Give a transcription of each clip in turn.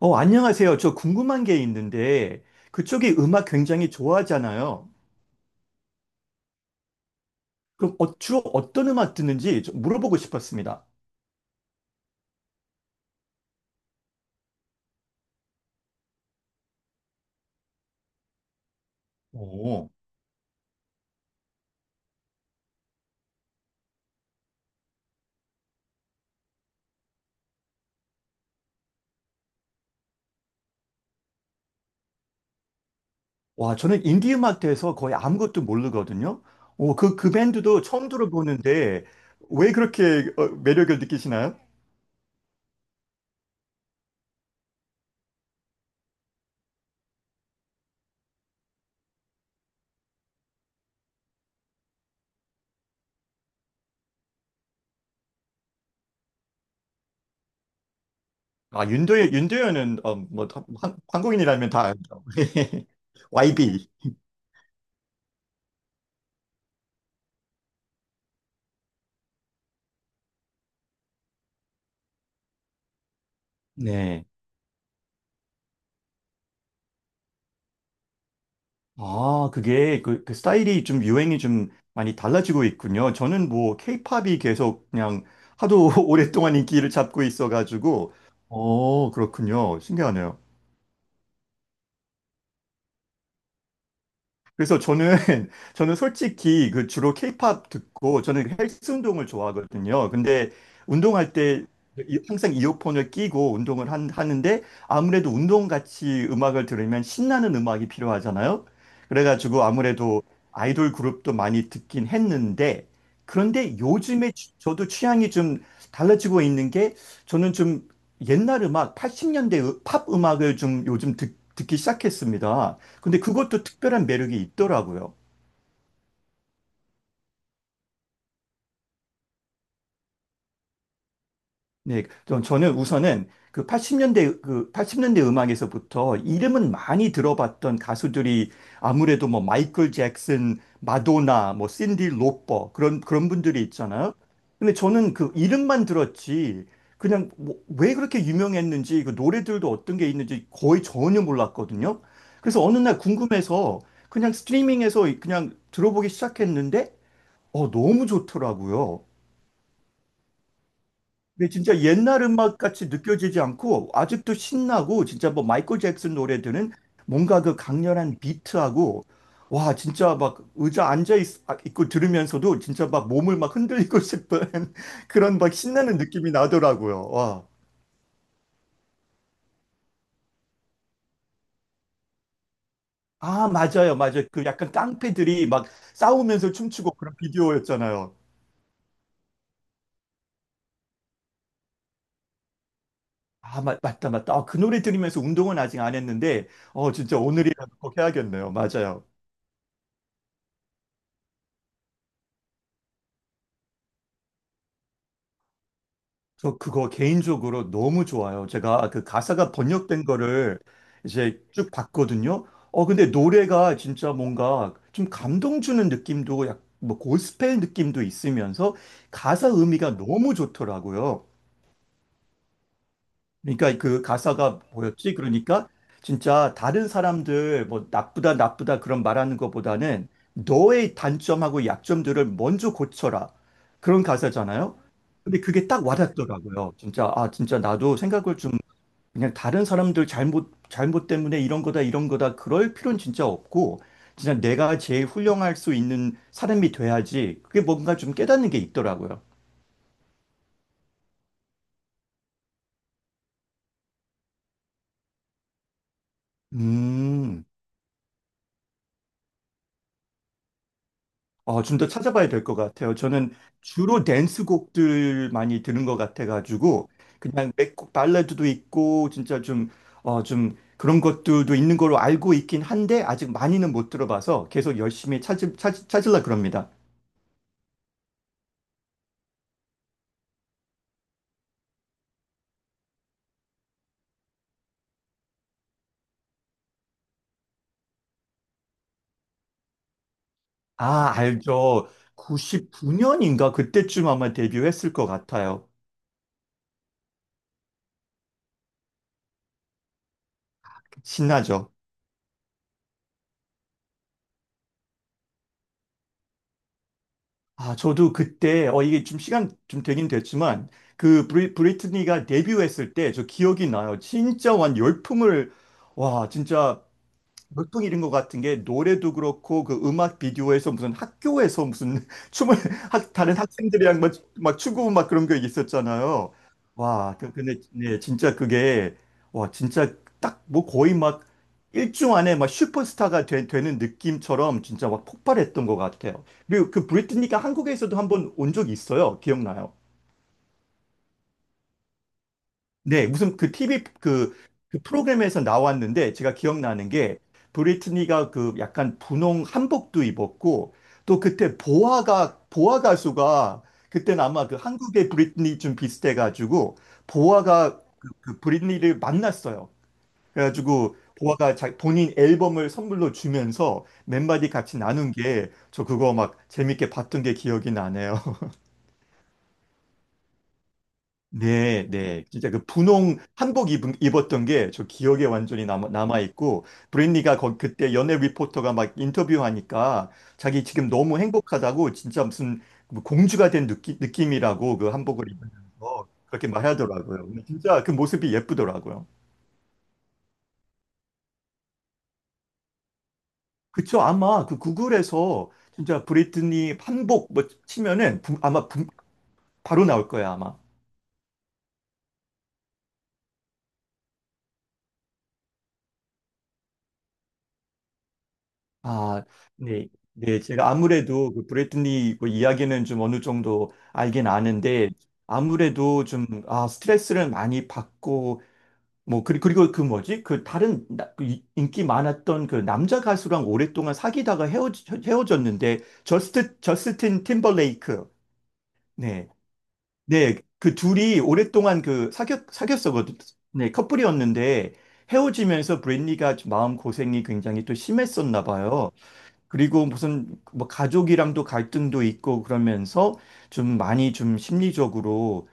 안녕하세요. 저 궁금한 게 있는데, 그쪽이 음악 굉장히 좋아하잖아요. 그럼 주로 어떤 음악 듣는지 좀 물어보고 싶었습니다. 오, 와, 저는 인디 음악 대해서 거의 아무것도 모르거든요. 오 그 밴드도 처음 들어보는데, 왜 그렇게 매력을 느끼시나요? 아, 윤도현은, 한국인이라면 다 알죠. YB. 네. 아, 그게 그 스타일이 좀 유행이 좀 많이 달라지고 있군요. 저는 뭐 케이팝이 계속 그냥 하도 오랫동안 인기를 잡고 있어가지고, 그렇군요. 신기하네요. 그래서 저는 저는 솔직히 그 주로 케이팝 듣고 저는 그 헬스 운동을 좋아하거든요. 근데 운동할 때 항상 이어폰을 끼고 운동을 하는데 아무래도 운동 같이 음악을 들으면 신나는 음악이 필요하잖아요. 그래가지고 아무래도 아이돌 그룹도 많이 듣긴 했는데 그런데 요즘에 저도 취향이 좀 달라지고 있는 게 저는 좀 옛날 음악, 80년대 팝 음악을 좀 요즘 듣기 시작했습니다. 근데 그것도 특별한 매력이 있더라고요. 네, 저는 우선은 그 80년대 음악에서부터 이름은 많이 들어봤던 가수들이 아무래도 뭐 마이클 잭슨, 마도나, 뭐 신디 로퍼 그런 분들이 있잖아요. 근데 저는 그 이름만 들었지 그냥 뭐왜 그렇게 유명했는지 그 노래들도 어떤 게 있는지 거의 전혀 몰랐거든요. 그래서 어느 날 궁금해서 그냥 스트리밍에서 그냥 들어보기 시작했는데 너무 좋더라고요. 근데 진짜 옛날 음악 같이 느껴지지 않고 아직도 신나고 진짜 뭐 마이클 잭슨 노래들은 뭔가 그 강렬한 비트하고 와 진짜 막 의자 앉아 있고 들으면서도 진짜 막 몸을 막 흔들리고 싶은 그런 막 신나는 느낌이 나더라고요. 와. 아, 맞아요. 맞아요. 그 약간 깡패들이 막 싸우면서 춤추고 그런 비디오였잖아요. 아, 맞다, 맞다. 아, 그 노래 들으면서 운동은 아직 안 했는데, 진짜 오늘이라도 꼭 해야겠네요. 맞아요. 저 그거 개인적으로 너무 좋아요. 제가 그 가사가 번역된 거를 이제 쭉 봤거든요. 근데 노래가 진짜 뭔가 좀 감동 주는 느낌도 뭐 고스펠 느낌도 있으면서 가사 의미가 너무 좋더라고요. 그러니까 그 가사가 뭐였지? 그러니까 진짜 다른 사람들 뭐 나쁘다 나쁘다 그런 말하는 것보다는 너의 단점하고 약점들을 먼저 고쳐라. 그런 가사잖아요. 근데 그게 딱 와닿더라고요. 진짜 아 진짜 나도 생각을 좀 그냥 다른 사람들 잘못 잘못 때문에 이런 거다 이런 거다 그럴 필요는 진짜 없고 진짜 내가 제일 훌륭할 수 있는 사람이 돼야지. 그게 뭔가 좀 깨닫는 게 있더라고요. 음. 어, 좀 더 찾아봐야 될 것 같아요. 저는 주로 댄스 곡들 많이 듣는 것 같아가지고, 그냥 맥곡 발라드도 있고, 진짜 좀 그런 것들도 있는 걸로 알고 있긴 한데, 아직 많이는 못 들어봐서 계속 열심히 찾으려 그럽니다. 아, 알죠. 99년인가? 그때쯤 아마 데뷔했을 것 같아요. 신나죠. 아, 저도 그때, 이게 좀 시간 좀 되긴 됐지만, 그 브리트니가 데뷔했을 때 저 기억이 나요. 진짜 완 열풍을, 와, 진짜 보통 이런 것 같은 게 노래도 그렇고 그 음악 비디오에서 무슨 학교에서 무슨 춤을 다른 학생들이랑 막 추고 막 그런 게 있었잖아요. 와, 근데 네, 진짜 그게 와 진짜 딱 뭐 거의 막 일주 안에 막 슈퍼스타가 는 느낌처럼 진짜 막 폭발했던 것 같아요. 그리고 그 브리트니가 한국에서도 한번 온 적이 있어요. 기억나요? 네, 무슨 그 TV 그, 그 프로그램에서 나왔는데 제가 기억나는 게 브리트니가 그 약간 분홍 한복도 입었고 또 그때 보아 가수가 그때는 아마 그 한국의 브리트니 좀 비슷해가지고 보아가 그 브리트니를 만났어요. 그래가지고 보아가 본인 앨범을 선물로 주면서 몇 마디 같이 나눈 게 저 그거 막 재밌게 봤던 게 기억이 나네요. 네, 네. 진짜 그 분홍 한복 입었던 게 저 기억에 완전히 남아있고, 브랜니가 그때 연예 리포터가 막 인터뷰하니까 자기 지금 너무 행복하다고 진짜 무슨 뭐 공주가 된 느낌이라고 그 한복을 입으면서 그렇게 말하더라고요. 근데 진짜 그 모습이 예쁘더라고요. 그쵸. 아마 그 구글에서 진짜 브리트니 한복 뭐 치면은 바로 나올 거야, 아마. 아, 네. 네, 제가 아무래도 그 브래틀리 그 이야기는 좀 어느 정도 알긴 아는데, 아무래도 좀, 아, 스트레스를 많이 받고, 뭐, 그리고 그 뭐지? 그 다른 그 인기 많았던 그 남자 가수랑 오랫동안 사귀다가 헤어졌는데, 저스틴 팀버레이크. 네. 네. 그 둘이 오랫동안 그 사귀었었거든. 네. 커플이었는데, 헤어지면서 브랜니가 마음 고생이 굉장히 또 심했었나 봐요. 그리고 무슨 뭐 가족이랑도 갈등도 있고 그러면서 좀 많이 좀 심리적으로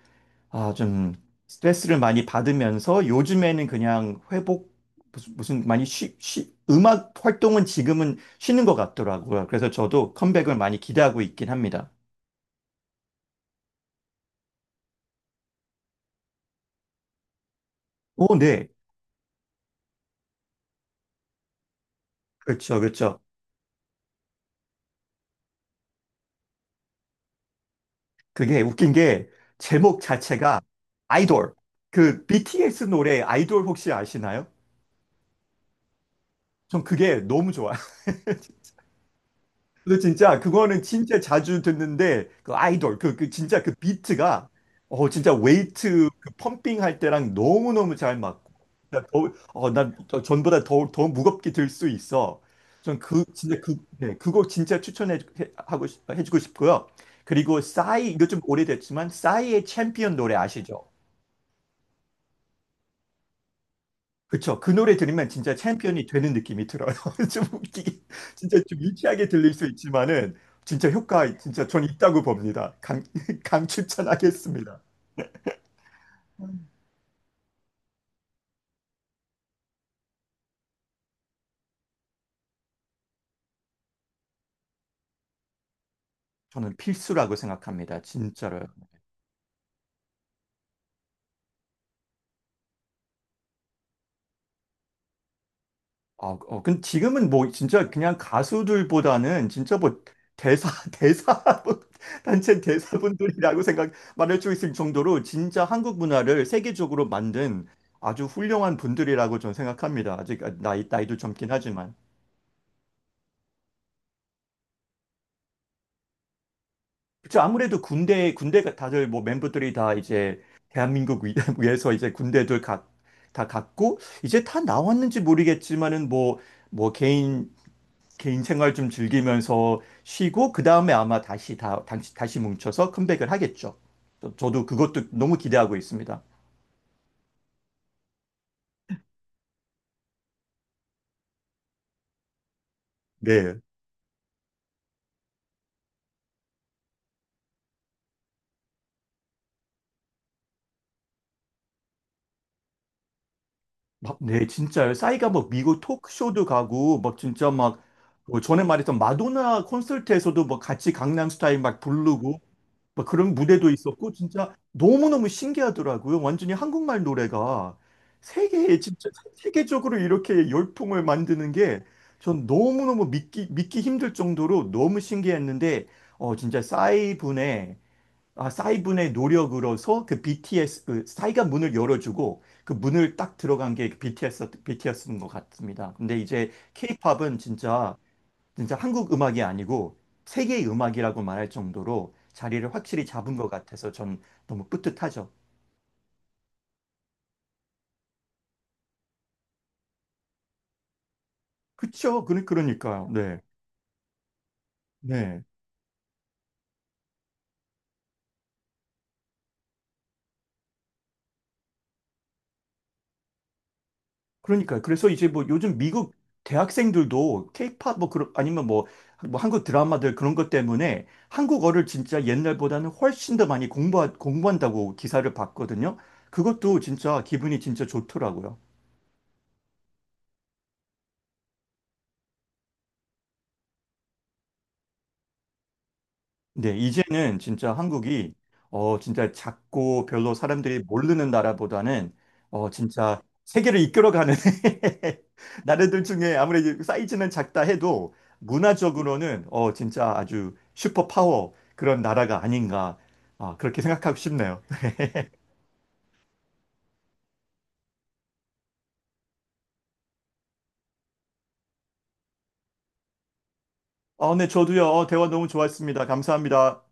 아, 좀 스트레스를 많이 받으면서 요즘에는 그냥 회복 무슨 많이 음악 활동은 지금은 쉬는 것 같더라고요. 그래서 저도 컴백을 많이 기대하고 있긴 합니다. 오, 네. 그렇죠, 그렇죠. 그게 웃긴 게 제목 자체가 아이돌. 그 BTS 노래 아이돌 혹시 아시나요? 전 그게 너무 좋아요. 근데 진짜 그거는 진짜 자주 듣는데 그 아이돌 그 진짜 그 비트가 어 진짜 웨이트 그 펌핑 할 때랑 너무너무 잘 맞고 나 전보다 더 무겁게 들 수 있어. 전 그 진짜 그 네, 그거 진짜 추천해 해- 하고 싶- 해주고 싶고요. 그리고 싸이 이거 좀 오래됐지만 싸이의 챔피언 노래 아시죠? 그쵸. 그 노래 들으면 진짜 챔피언이 되는 느낌이 들어요. 좀 웃기게, 진짜 좀 유치하게 들릴 수 있지만은, 진짜 전 있다고 봅니다. 강추천하겠습니다. 저는 필수라고 생각합니다. 진짜로요. 근데 지금은 뭐, 진짜 그냥 가수들보다는 진짜 뭐, 대사, 대사, 분- 단체 대사분들이라고 말할 수 있을 정도로 진짜 한국 문화를 세계적으로 만든 아주 훌륭한 분들이라고 저는 생각합니다. 아직 나이도 젊긴 하지만. 그쵸. 아무래도 군대가 다들 뭐 멤버들이 다 이제 위에서 이제 군대들 각, 다 갔고, 이제 다 나왔는지 모르겠지만은 뭐, 뭐 개인, 개인 생활 좀 즐기면서 쉬고, 그 다음에 아마 다시 다시 뭉쳐서 컴백을 하겠죠. 저도 그것도 너무 기대하고 있습니다. 네. 막, 네, 진짜요. 싸이가 뭐 미국 토크쇼도 가고, 막 진짜 막, 뭐 전에 말했던 마도나 콘서트에서도 뭐 같이 강남스타일 막 부르고, 막 그런 무대도 있었고 진짜 너무너무 신기하더라고요. 완전히 한국말 노래가 세계에 진짜 세계적으로 이렇게 열풍을 만드는 게 전 너무너무 믿기 힘들 정도로 너무 신기했는데 어 진짜 싸이 분의 노력으로서 그 BTS 그 싸이가 문을 열어주고 그 문을 딱 들어간 게 BTS인 것 같습니다. 근데 이제 K-팝은 진짜 한국 음악이 아니고 세계의 음악이라고 말할 정도로 자리를 확실히 잡은 것 같아서 전 너무 뿌듯하죠. 그쵸? 그러니까요. 네. 네. 그러니까요. 그래서 이제 뭐 요즘 미국 대학생들도 케이팝 뭐 그런 아니면 뭐, 뭐 한국 드라마들 그런 것 때문에 한국어를 진짜 옛날보다는 훨씬 더 많이 공부한다고 기사를 봤거든요. 그것도 진짜 기분이 진짜 좋더라고요. 네, 이제는 진짜 한국이 어 진짜 작고 별로 사람들이 모르는 나라보다는 어 진짜 세계를 이끌어가는 나라들 중에 아무래도 사이즈는 작다 해도 문화적으로는 어 진짜 아주 슈퍼 파워 그런 나라가 아닌가 아 그렇게 생각하고 싶네요. 아, 네, 저도요. 어, 대화 너무 좋았습니다. 감사합니다.